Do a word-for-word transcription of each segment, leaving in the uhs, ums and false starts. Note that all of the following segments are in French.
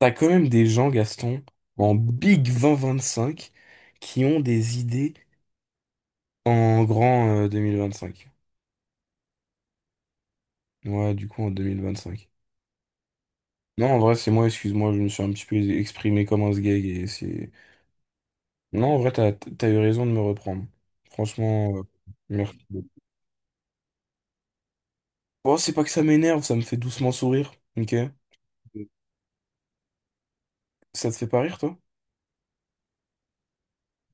T'as quand même des gens, Gaston, en Big deux mille vingt-cinq, qui ont des idées en grand euh, deux mille vingt-cinq. Ouais, du coup, en deux mille vingt-cinq. Non, en vrai, c'est moi, excuse-moi, je me suis un petit peu exprimé comme un sgeg et c'est... Non, en vrai, t'as, t'as eu raison de me reprendre. Franchement, euh, merci. Bon, c'est pas que ça m'énerve, ça me fait doucement sourire, ok? Ça te fait pas rire, toi?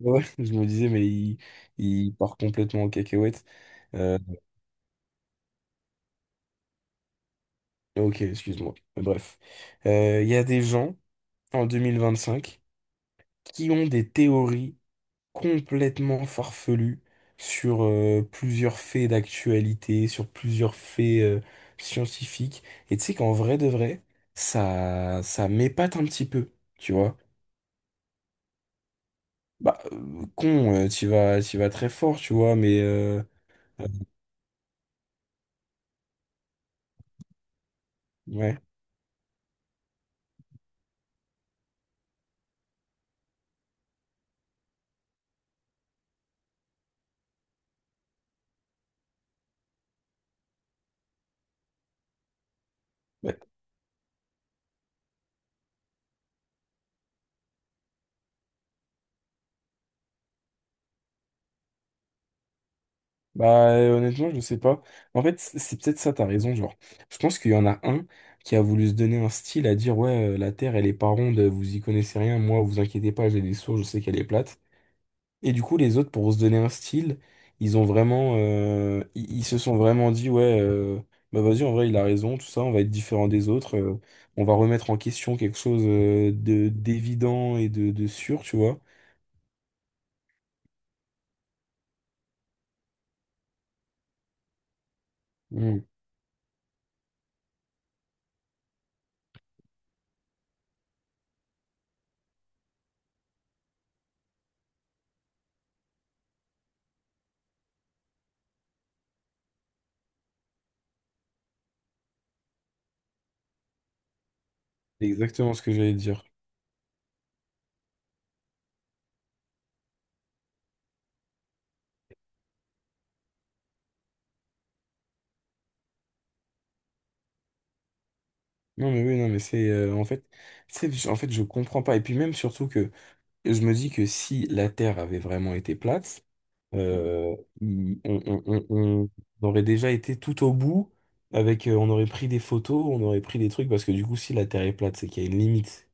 Ouais. Je me disais, mais il, il part complètement en cacahuète. Euh, ok, excuse-moi. Bref. Euh, Il y a des gens en deux mille vingt-cinq qui ont des théories complètement farfelues sur euh, plusieurs faits d'actualité, sur plusieurs faits euh, scientifiques. Et tu sais qu'en vrai de vrai, ça, ça m'épate un petit peu, tu vois. Bah, euh, con, euh, tu vas, t'y vas très fort, tu vois, mais euh, euh, ouais. Bah, euh, honnêtement, je sais pas. En fait, c- c'est peut-être ça, t'as raison, genre. Je pense qu'il y en a un qui a voulu se donner un style à dire, ouais, euh, la Terre, elle est pas ronde, vous y connaissez rien, moi, vous inquiétez pas, j'ai des sources, je sais qu'elle est plate. Et du coup, les autres, pour se donner un style, ils ont vraiment, euh, ils, ils se sont vraiment dit, ouais, euh, bah vas-y, en vrai, il a raison, tout ça, on va être différent des autres, euh, on va remettre en question quelque chose, euh, de, d'évident et de, de sûr, tu vois. Mm. C'est exactement ce que j'allais dire. Non mais oui, non mais c'est euh, en fait, c'est je- en fait, je comprends pas. Et puis même surtout que je me dis que si la Terre avait vraiment été plate, euh, il- on, on- on- on- on aurait déjà été tout au bout, avec euh, on aurait pris des photos, on aurait pris des trucs parce que du coup, si la Terre est plate, c'est qu'il y a une limite.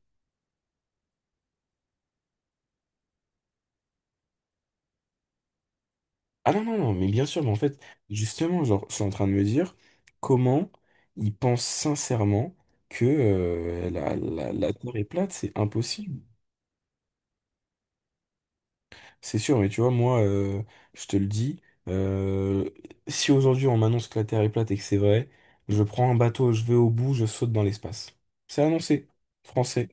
Ah, non non non, mais bien sûr, mais en fait, justement, genre, je suis en train de me dire, comment ils pensent sincèrement que euh, la, la, la Terre est plate? C'est impossible. C'est sûr, mais tu vois, moi, euh, je te le dis, euh, si aujourd'hui on m'annonce que la Terre est plate et que c'est vrai, je prends un bateau, je vais au bout, je saute dans l'espace. C'est annoncé, français.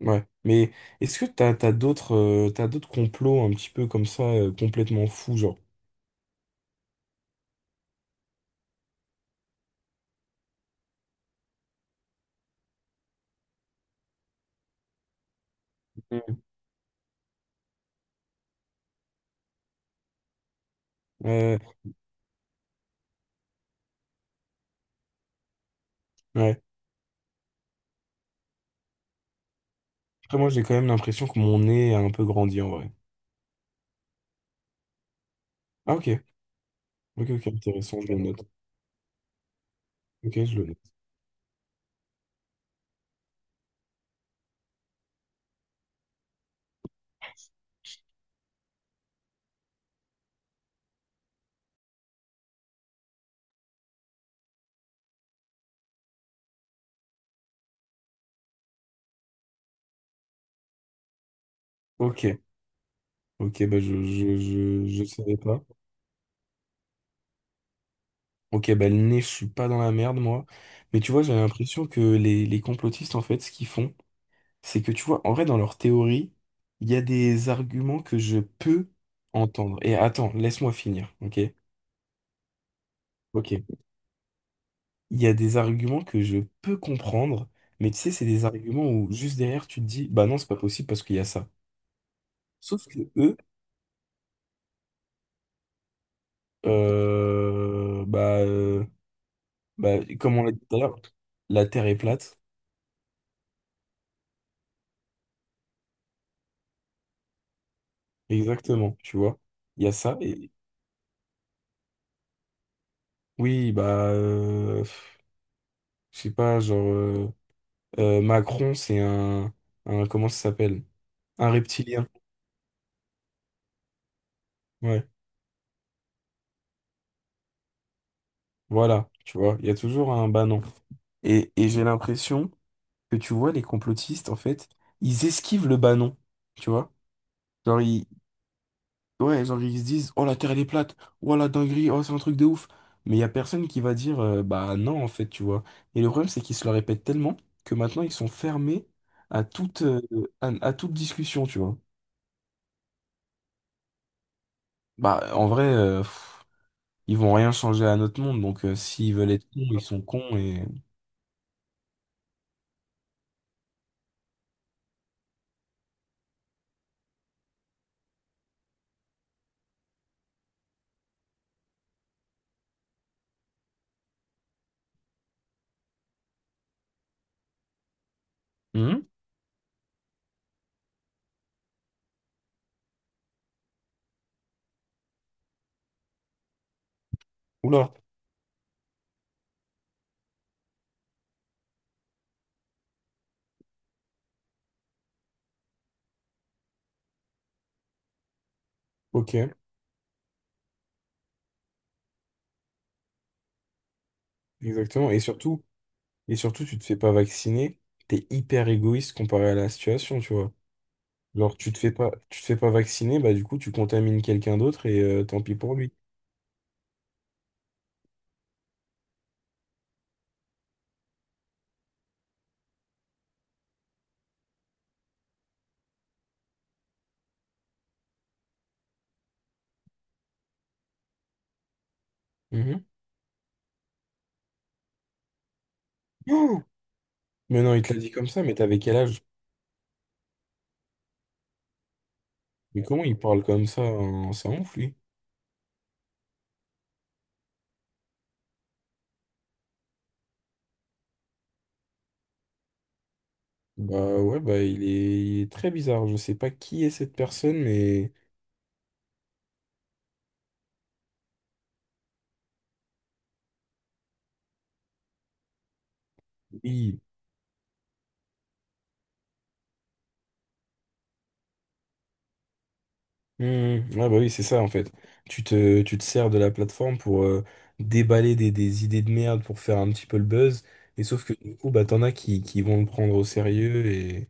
Ouais. Mais est-ce que t'as, t'as d'autres, euh, t'as d'autres complots un petit peu comme ça, euh, complètement fous, genre? Mm. Ouais, ouais. Après, moi, j'ai quand même l'impression que mon nez a un peu grandi en vrai. Ah, ok. Ok, ok, intéressant, je le note. Ok, je le note. Ok, ok, bah, je, je, je, je savais pas. Ok, bah le nez, je suis pas dans la merde, moi. Mais tu vois, j'ai l'impression que les, les complotistes, en fait, ce qu'ils font, c'est que tu vois, en vrai, dans leur théorie, il y a des arguments que je peux entendre. Et attends, laisse-moi finir, ok? Ok. Il y a des arguments que je peux comprendre, mais tu sais, c'est des arguments où juste derrière, tu te dis, bah non, c'est pas possible parce qu'il y a ça. Sauf que eux, euh, bah, euh, bah, comme on l'a dit tout à l'heure, la Terre est plate. Exactement, tu vois. Il y a ça. Oui, bah, euh, pff, je sais pas, genre, euh, euh, Macron, c'est un, un, comment ça s'appelle? Un reptilien. Ouais, voilà, tu vois, il y a toujours un banon. Et, et j'ai l'impression que tu vois, les complotistes, en fait, ils esquivent le banon, tu vois? Genre, ils, ouais, genre, ils se disent, oh, la Terre, elle est plate, oh, la dinguerie, oh, c'est un truc de ouf. Mais il y a personne qui va dire, euh, bah non, en fait, tu vois. Et le problème, c'est qu'ils se le répètent tellement que maintenant, ils sont fermés à toute, euh, à à toute discussion, tu vois. Bah, en vrai, euh, pff, ils vont rien changer à notre monde, donc euh, s'ils veulent être cons, ils sont cons et... Mhm. Oula, ok, exactement. Et surtout, et surtout, tu te fais pas vacciner, t'es hyper égoïste comparé à la situation, tu vois. Genre, tu te fais pas, tu te fais pas vacciner, bah du coup, tu contamines quelqu'un d'autre et euh, tant pis pour lui. Mhm. Oh mais non, il te l'a dit comme ça, mais t'avais quel âge? Mais comment il parle comme ça? Hein. Ça ouf, lui. Bah ouais, bah il est, il est très bizarre. Je sais pas qui est cette personne, mais... Oui. Hmm, ah bah oui, c'est ça en fait. Tu te, tu te sers de la plateforme pour euh, déballer des, des idées de merde pour faire un petit peu le buzz. Et sauf que du coup, bah t'en as qui, qui vont le prendre au sérieux et.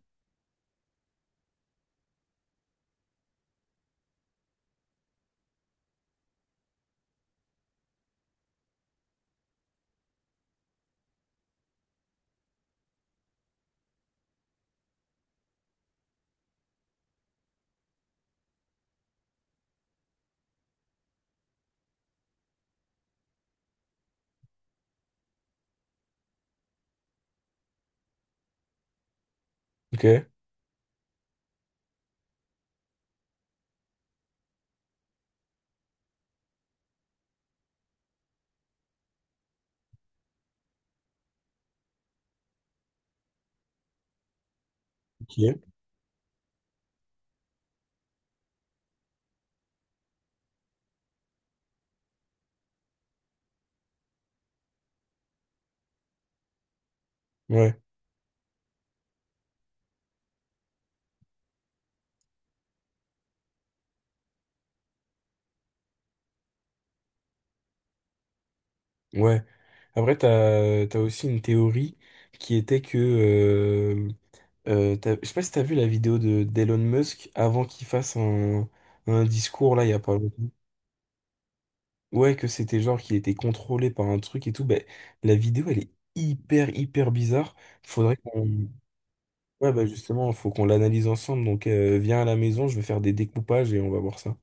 Ok, ok. Ouais, ouais. Après, t'as, t'as aussi une théorie qui était que. euh, euh, t'as- je sais pas si t'as vu la vidéo de d'Elon Musk avant qu'il fasse un, un discours là il y a pas longtemps. Ouais, que c'était genre qu'il était contrôlé par un truc et tout, ben la vidéo elle est hyper hyper bizarre. Faudrait qu'on. Ouais, bah justement, faut qu'on l'analyse ensemble. Donc euh, viens à la maison, je vais faire des découpages et on va voir ça.